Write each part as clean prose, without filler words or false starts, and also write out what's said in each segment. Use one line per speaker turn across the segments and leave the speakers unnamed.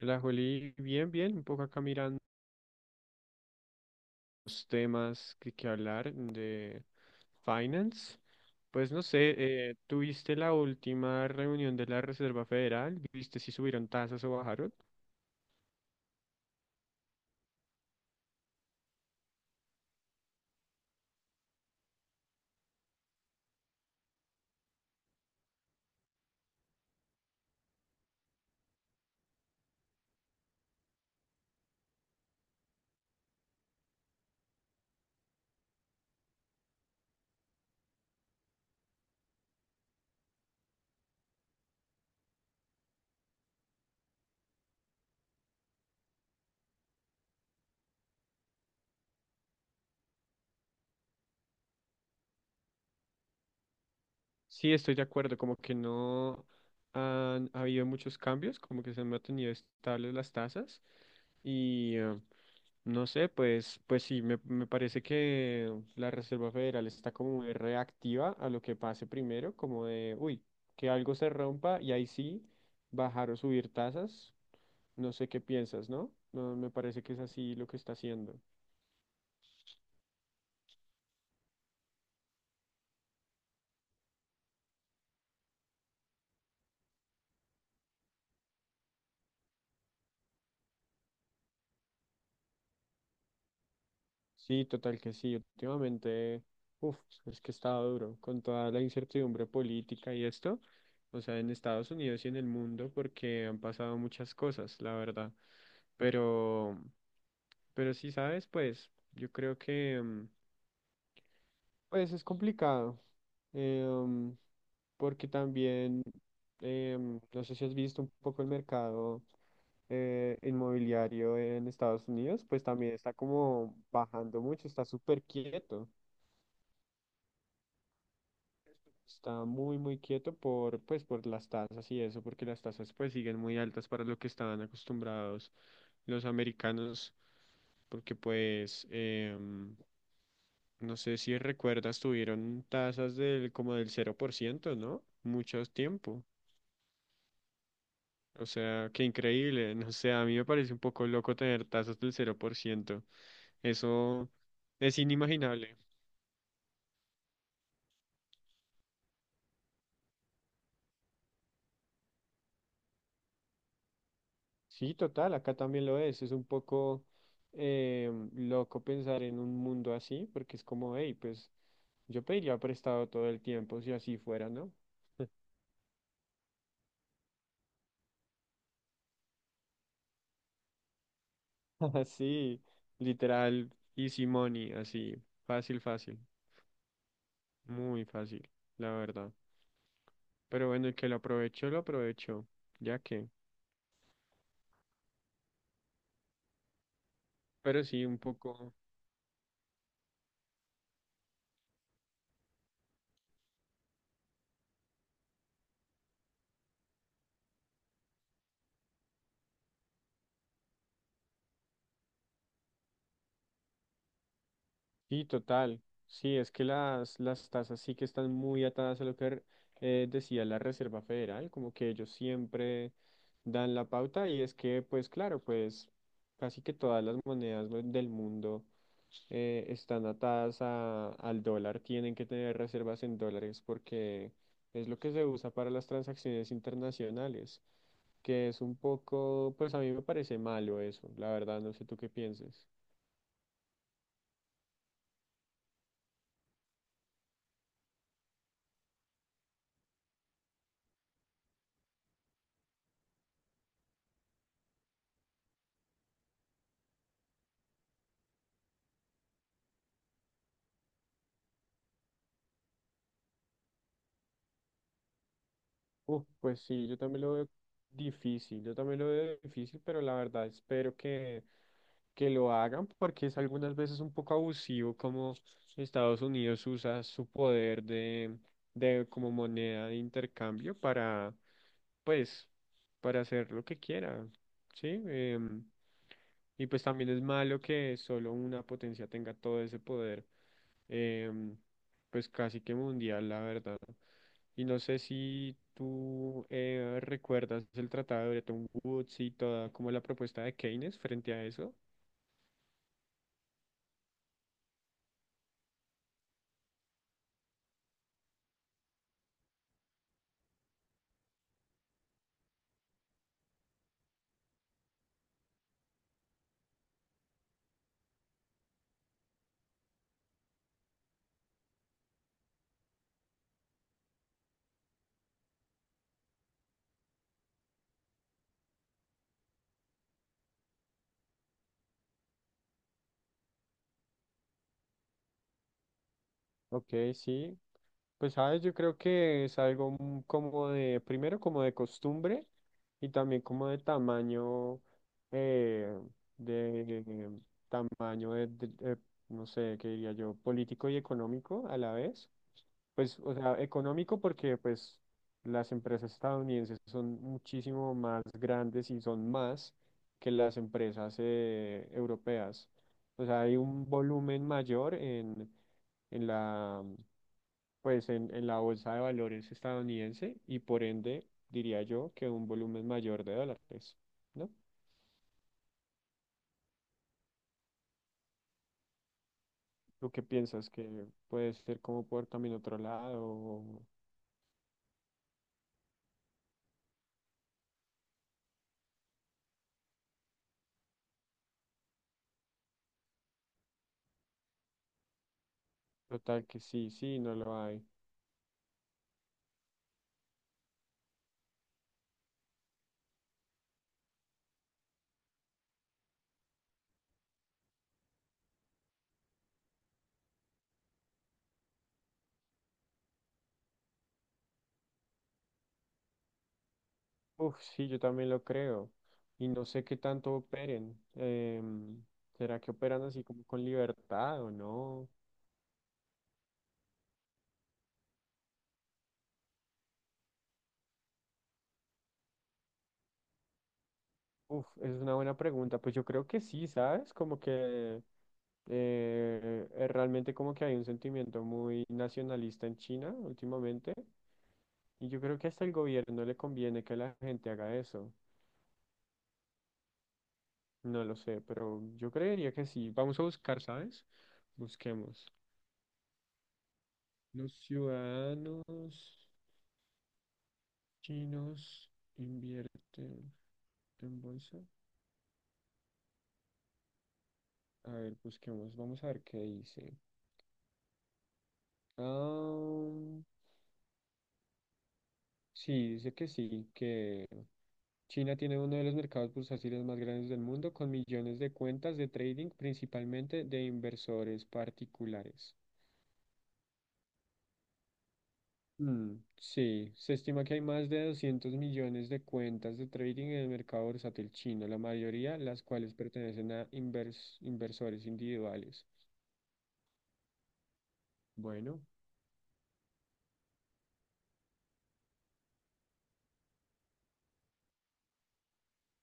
La Juli, bien, bien, un poco acá mirando los temas que hablar de finance. Pues no sé, ¿tuviste la última reunión de la Reserva Federal? ¿Viste si subieron tasas o bajaron? Sí, estoy de acuerdo, como que no han habido muchos cambios, como que se han mantenido estables las tasas y eh, No sé, pues, pues sí, me parece que la Reserva Federal está como muy reactiva a lo que pase primero, como de, uy, que algo se rompa y ahí sí, bajar o subir tasas. No sé qué piensas, ¿no? No, me parece que es así lo que está haciendo. Sí, total que sí. Últimamente, uf es que estaba duro con toda la incertidumbre política y esto, o sea, en Estados Unidos y en el mundo, porque han pasado muchas cosas, la verdad. Pero. Pero sí, sabes, pues yo creo que pues es complicado. eh, mm, Porque también no sé si has visto un poco el mercado inmobiliario en Estados Unidos, pues también está como bajando mucho, está súper quieto. Está muy, muy quieto por, pues, por las tasas y eso, porque las tasas pues siguen muy altas para lo que estaban acostumbrados los americanos, porque pues no sé si recuerdas, tuvieron tasas del como del cero por ciento, ¿no? Mucho tiempo. O sea, qué increíble. No sé, a mí me parece un poco loco tener tasas del cero por ciento. Eso es inimaginable. Sí, total, acá también lo es. Es un poco loco pensar en un mundo así, porque es como, hey, pues yo pediría prestado todo el tiempo si así fuera, ¿no? Así, literal, easy money, así, fácil, fácil, muy fácil, la verdad. Pero bueno, el que lo aprovechó, ya que. Pero sí, un poco. Sí, total. Sí, es que las tasas sí que están muy atadas a lo que decía la Reserva Federal, como que ellos siempre dan la pauta y es que, pues claro, pues casi que todas las monedas del mundo están atadas al dólar, tienen que tener reservas en dólares porque es lo que se usa para las transacciones internacionales, que es un poco, pues a mí me parece malo eso, la verdad, no sé tú qué pienses. Uf, pues sí, yo también lo veo difícil, yo también lo veo difícil, pero la verdad espero que lo hagan porque es algunas veces un poco abusivo como Estados Unidos usa su poder de como moneda de intercambio para pues, para hacer lo que quiera, ¿sí? Y pues también es malo que solo una potencia tenga todo ese poder, em, pues casi que mundial, la verdad. Y no sé si tú recuerdas el tratado de Bretton Woods y toda como la propuesta de Keynes frente a eso. Ok, sí. Pues sabes, yo creo que es algo como de, primero como de costumbre y también como de tamaño, eh, de tamaño de no sé, qué diría yo, político y económico a la vez. Pues, o sea, económico porque pues las empresas estadounidenses son muchísimo más grandes y son más que las empresas europeas. O sea, hay un volumen mayor en la pues en la bolsa de valores estadounidense y por ende diría yo que un volumen mayor de dólares, ¿no? ¿Tú qué piensas que puede ser como por también otro lado o total que sí, sí, no lo hay? Uf, sí, yo también lo creo y no sé qué tanto operen. ¿Será que operan así como con libertad o no? Uf, es una buena pregunta. Pues yo creo que sí, ¿sabes? Como que realmente como que hay un sentimiento muy nacionalista en China últimamente y yo creo que hasta el gobierno le conviene que la gente haga eso. No lo sé, pero yo creería que sí. Vamos a buscar, ¿sabes? Busquemos. Los ciudadanos chinos invierten en bolsa. A ver, busquemos. Vamos a ver qué dice. Ah, sí, dice que sí, que... China tiene uno de los mercados bursátiles más grandes del mundo, con millones de cuentas de trading, principalmente de inversores particulares. Mm, sí, se estima que hay más de 200 millones de cuentas de trading en el mercado bursátil chino, la mayoría las cuales pertenecen a inversores individuales. Bueno,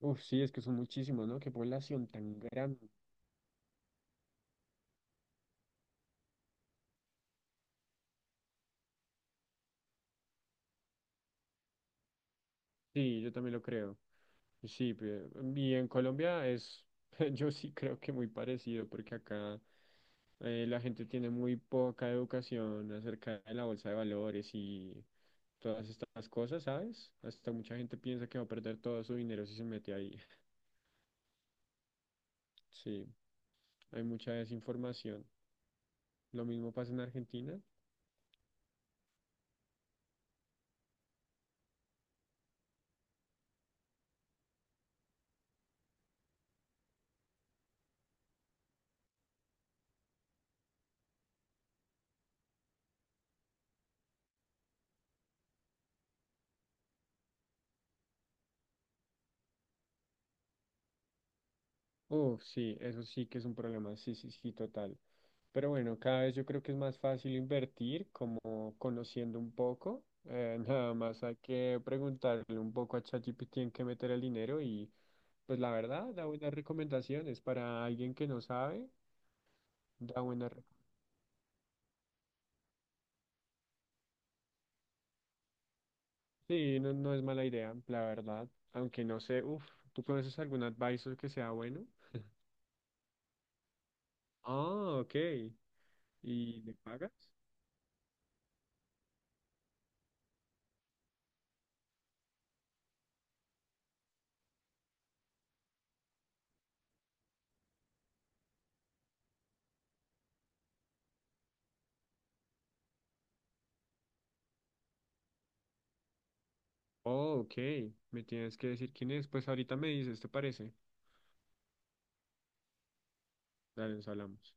uf, sí, es que son muchísimos, ¿no? Qué población tan grande. Sí, yo también lo creo. Sí, pe- y en Colombia es, yo sí creo que muy parecido, porque acá... la gente tiene muy poca educación acerca de la bolsa de valores y todas estas cosas, ¿sabes? Hasta mucha gente piensa que va a perder todo su dinero si se mete ahí. Sí, hay mucha desinformación. Lo mismo pasa en Argentina. Oh, sí, eso sí que es un problema, sí, sí, sí, total. Pero bueno, cada vez yo creo que es más fácil invertir, como conociendo un poco. Nada más hay que preguntarle un poco a ChatGPT en qué meter el dinero y pues la verdad, da buenas recomendaciones. Para alguien que no sabe, da buenas recomendaciones. Sí, no, no es mala idea, la verdad. Aunque no sé, uff, ¿tú conoces algún advisor que sea bueno? Ah, ok. ¿Y le pagas? Oh, ok. Me tienes que decir quién es. Pues ahorita me dices, ¿te parece? Dale, nos hablamos.